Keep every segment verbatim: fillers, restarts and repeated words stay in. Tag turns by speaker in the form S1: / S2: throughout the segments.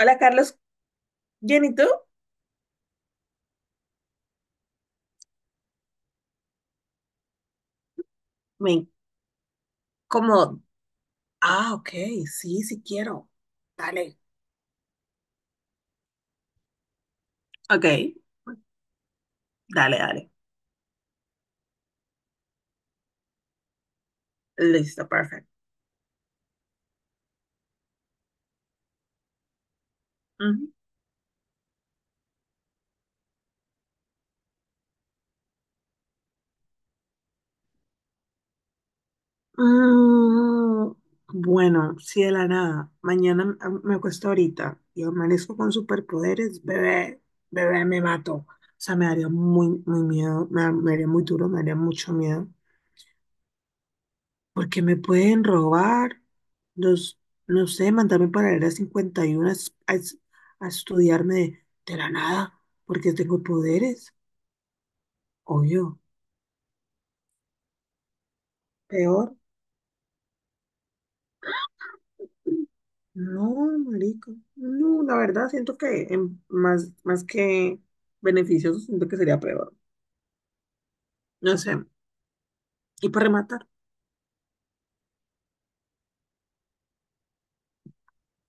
S1: Hola Carlos, ¿bien y tú? Me como, ah, ok, sí, sí quiero. Dale. Ok, dale, dale. Listo, perfecto. Ujú. Mm, bueno, sí de la nada. Mañana m- me acuesto ahorita y amanezco con superpoderes, bebé, bebé, me mato. O sea, me daría muy, muy miedo, me, me haría muy duro, me haría mucho miedo. Porque me pueden robar, los, no sé, mandarme para el área cincuenta y uno a, es- a es- a estudiarme de, de la nada, porque tengo poderes, obvio. Peor, no, marico, no, la verdad siento que en- más, más que beneficioso, siento que sería peor, no sé. Y para rematar,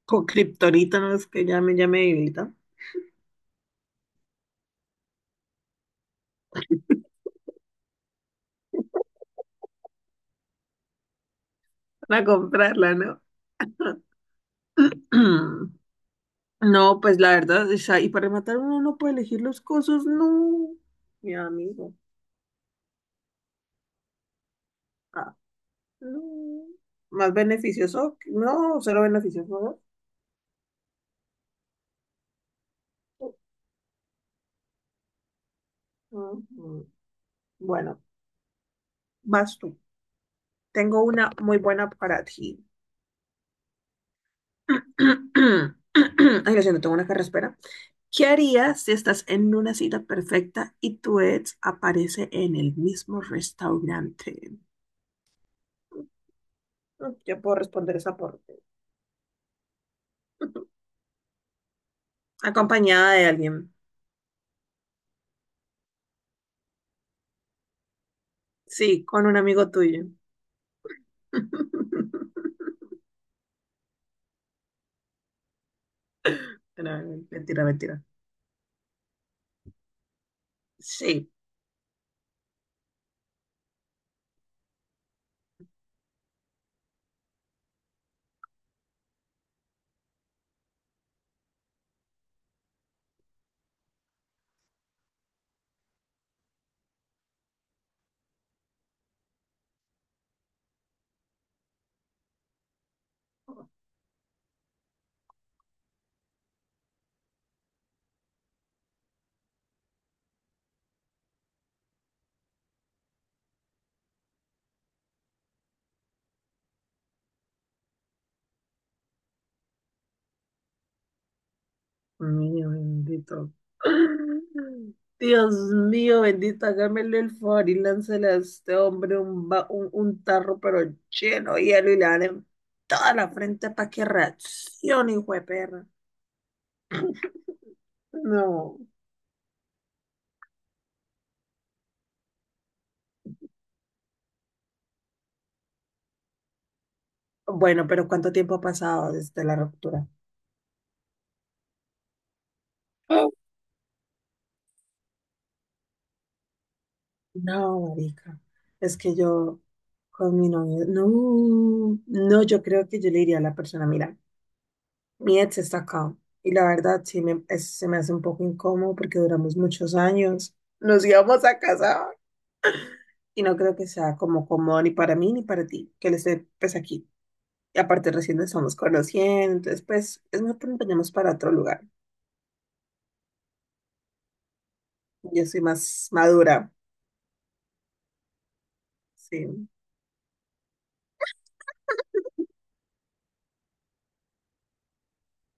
S1: con kriptonita, no es que ya me, ya me debilita, para comprarla, ¿no? No, pues la verdad, o sea, y para rematar uno no puede elegir los cosos, no, mi amigo, ah, no, más beneficioso, que- no, cero beneficioso, ¿no? Ujú. Bueno, vas tú, tengo una muy buena para ti. Ay, lo siento, tengo una carraspera. ¿Qué harías si estás en una cita perfecta y tu ex aparece en el mismo restaurante? Ya puedo responder esa por acompañada de alguien. Sí, con un amigo tuyo. Pero, mentira, mentira. Sí. Oh, mío bendito. Dios mío, bendito, hágamele el favor y láncele a este hombre un, ba- un, un tarro, pero lleno de hielo y le dan en toda la frente para que reaccione, hijo de perra. No. Bueno, pero ¿cuánto tiempo ha pasado desde la ruptura? No, marica. Es que yo con mi novio, no, no, yo creo que yo le diría a la persona, mira, mi ex está acá. Y la verdad, sí me, es- se me hace un poco incómodo porque duramos muchos años, nos íbamos a casar y no creo que sea como cómodo ni para mí ni para ti, que él esté pues aquí. Y aparte recién nos estamos conociendo, entonces pues es mejor que nos vayamos para otro lugar. Yo soy más madura, sí.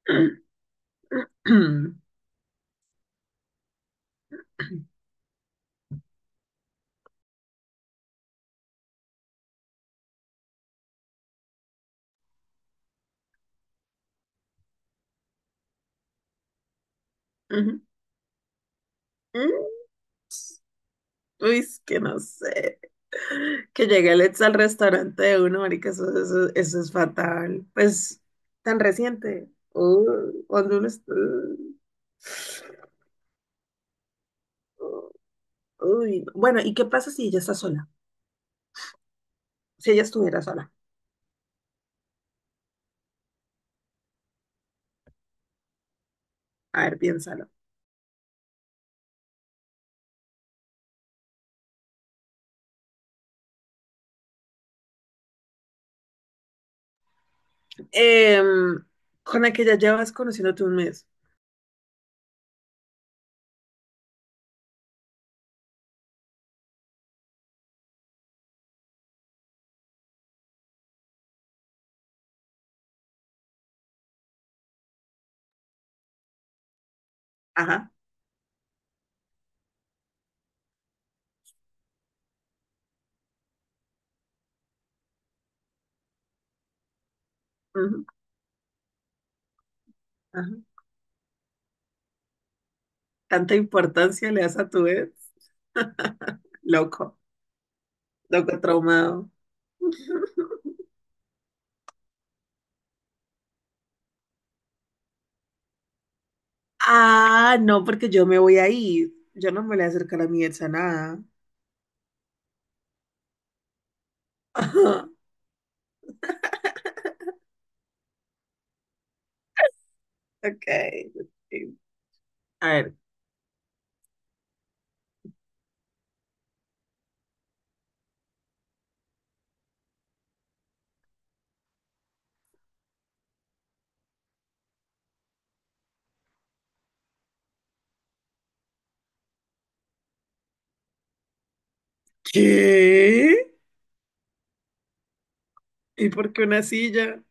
S1: Ujú. Mm, uy, es que no sé. Que llegue el ex al restaurante de uno, marica, eso, eso, eso es fatal. Pues, tan reciente. Uh, cuando uno es- uh, uh, uy, no. Bueno, ¿y qué pasa si ella está sola? Si ella estuviera sola. A ver, piénsalo. Em, con la que ya llevas conociéndote un mes. Ajá, ujú, ajá. ¿Tanta importancia le das a tu ex? Loco, loco traumado. Ah, no, porque yo me voy a ir. Yo no me voy a acercar a mi ex a nada. Ok. Ok. A ver, ¿qué? ¿Y por qué una silla?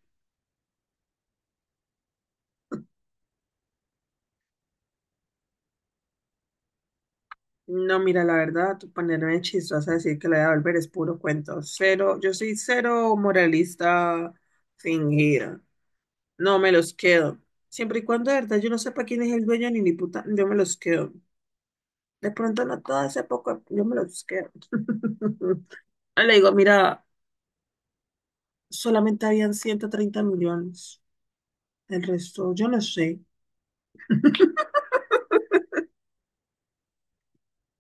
S1: No, mira, la verdad, tú ponerme chistosa a decir que la voy a volver es puro cuento. Cero, yo soy cero moralista fingida. No me los quedo. Siempre y cuando, de verdad, yo no sepa quién es el dueño ni ni puta, yo me los quedo. De pronto no todo hace poco, yo me los quedo. Le digo, mira, solamente habían ciento treinta millones. El resto, yo no sé.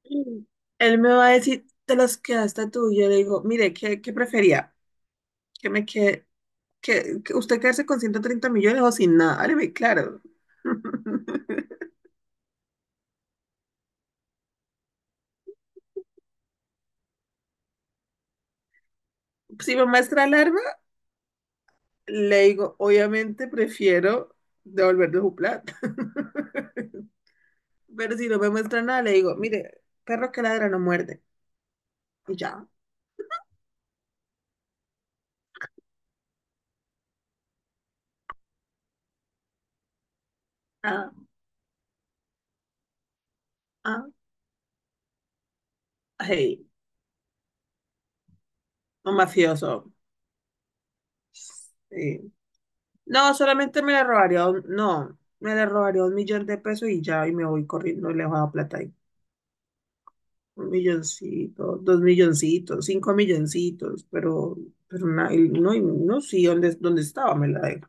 S1: Mm. Él me va a decir, te las quedaste tú. Y yo le digo, mire, ¿qué, qué prefería? ¿Que me quede, que, que usted quedarse con ciento treinta millones o sin nada? Hábleme claro. Si me muestra alarma, le digo, obviamente prefiero devolverle su plata. Pero si no me muestra nada, le digo, mire, perro que ladra no muerde. Y ya. Ah, ah, hey, un mafioso. Sí. No, solamente me le robaría, un- no, me le robaría un millón de pesos y ya, y me voy corriendo y le dejo la plata ahí. Un milloncito, dos milloncitos, cinco milloncitos, pero, pero na- y no, y no, sí, ¿dónde, dónde estaba? Me la dejo.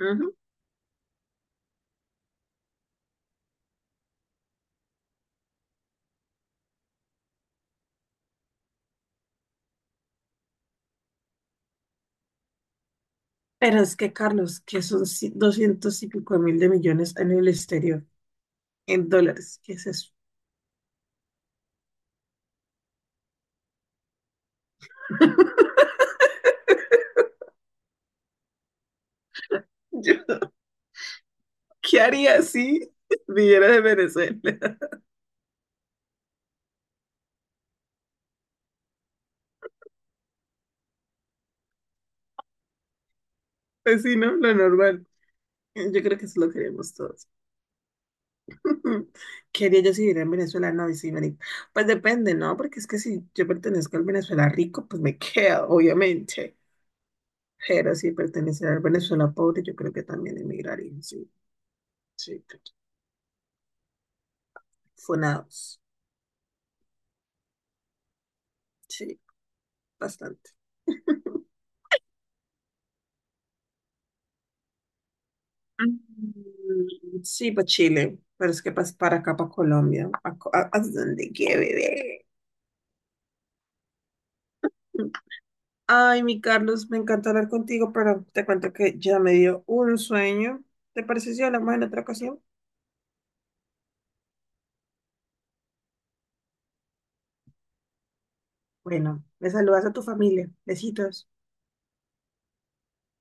S1: Ujú. Pero es que, Carlos, que son ci- doscientos y pico de mil de millones en el exterior, en dólares, ¿qué es eso? Yo, ¿qué haría si viviera de Venezuela? Pues sí, ¿no? Lo normal. Yo creo que eso lo queremos todos. ¿Qué haría yo si viviera en Venezuela? No, y sí, marica. Pues depende, ¿no? Porque es que si yo pertenezco al Venezuela rico, pues me quedo, obviamente. Pero si perteneciera al Venezuela pobre, yo creo que también emigraría, sí, sí. Claro. Funados, sí, bastante. Mm, sí, para Chile, pero es que pas- para acá, para Colombia, a, co- a- a donde quiera, bebé. Ay, mi Carlos, me encanta hablar contigo, pero te cuento que ya me dio un sueño. ¿Te parece si hablamos en otra ocasión? Bueno, me saludas a tu familia. Besitos.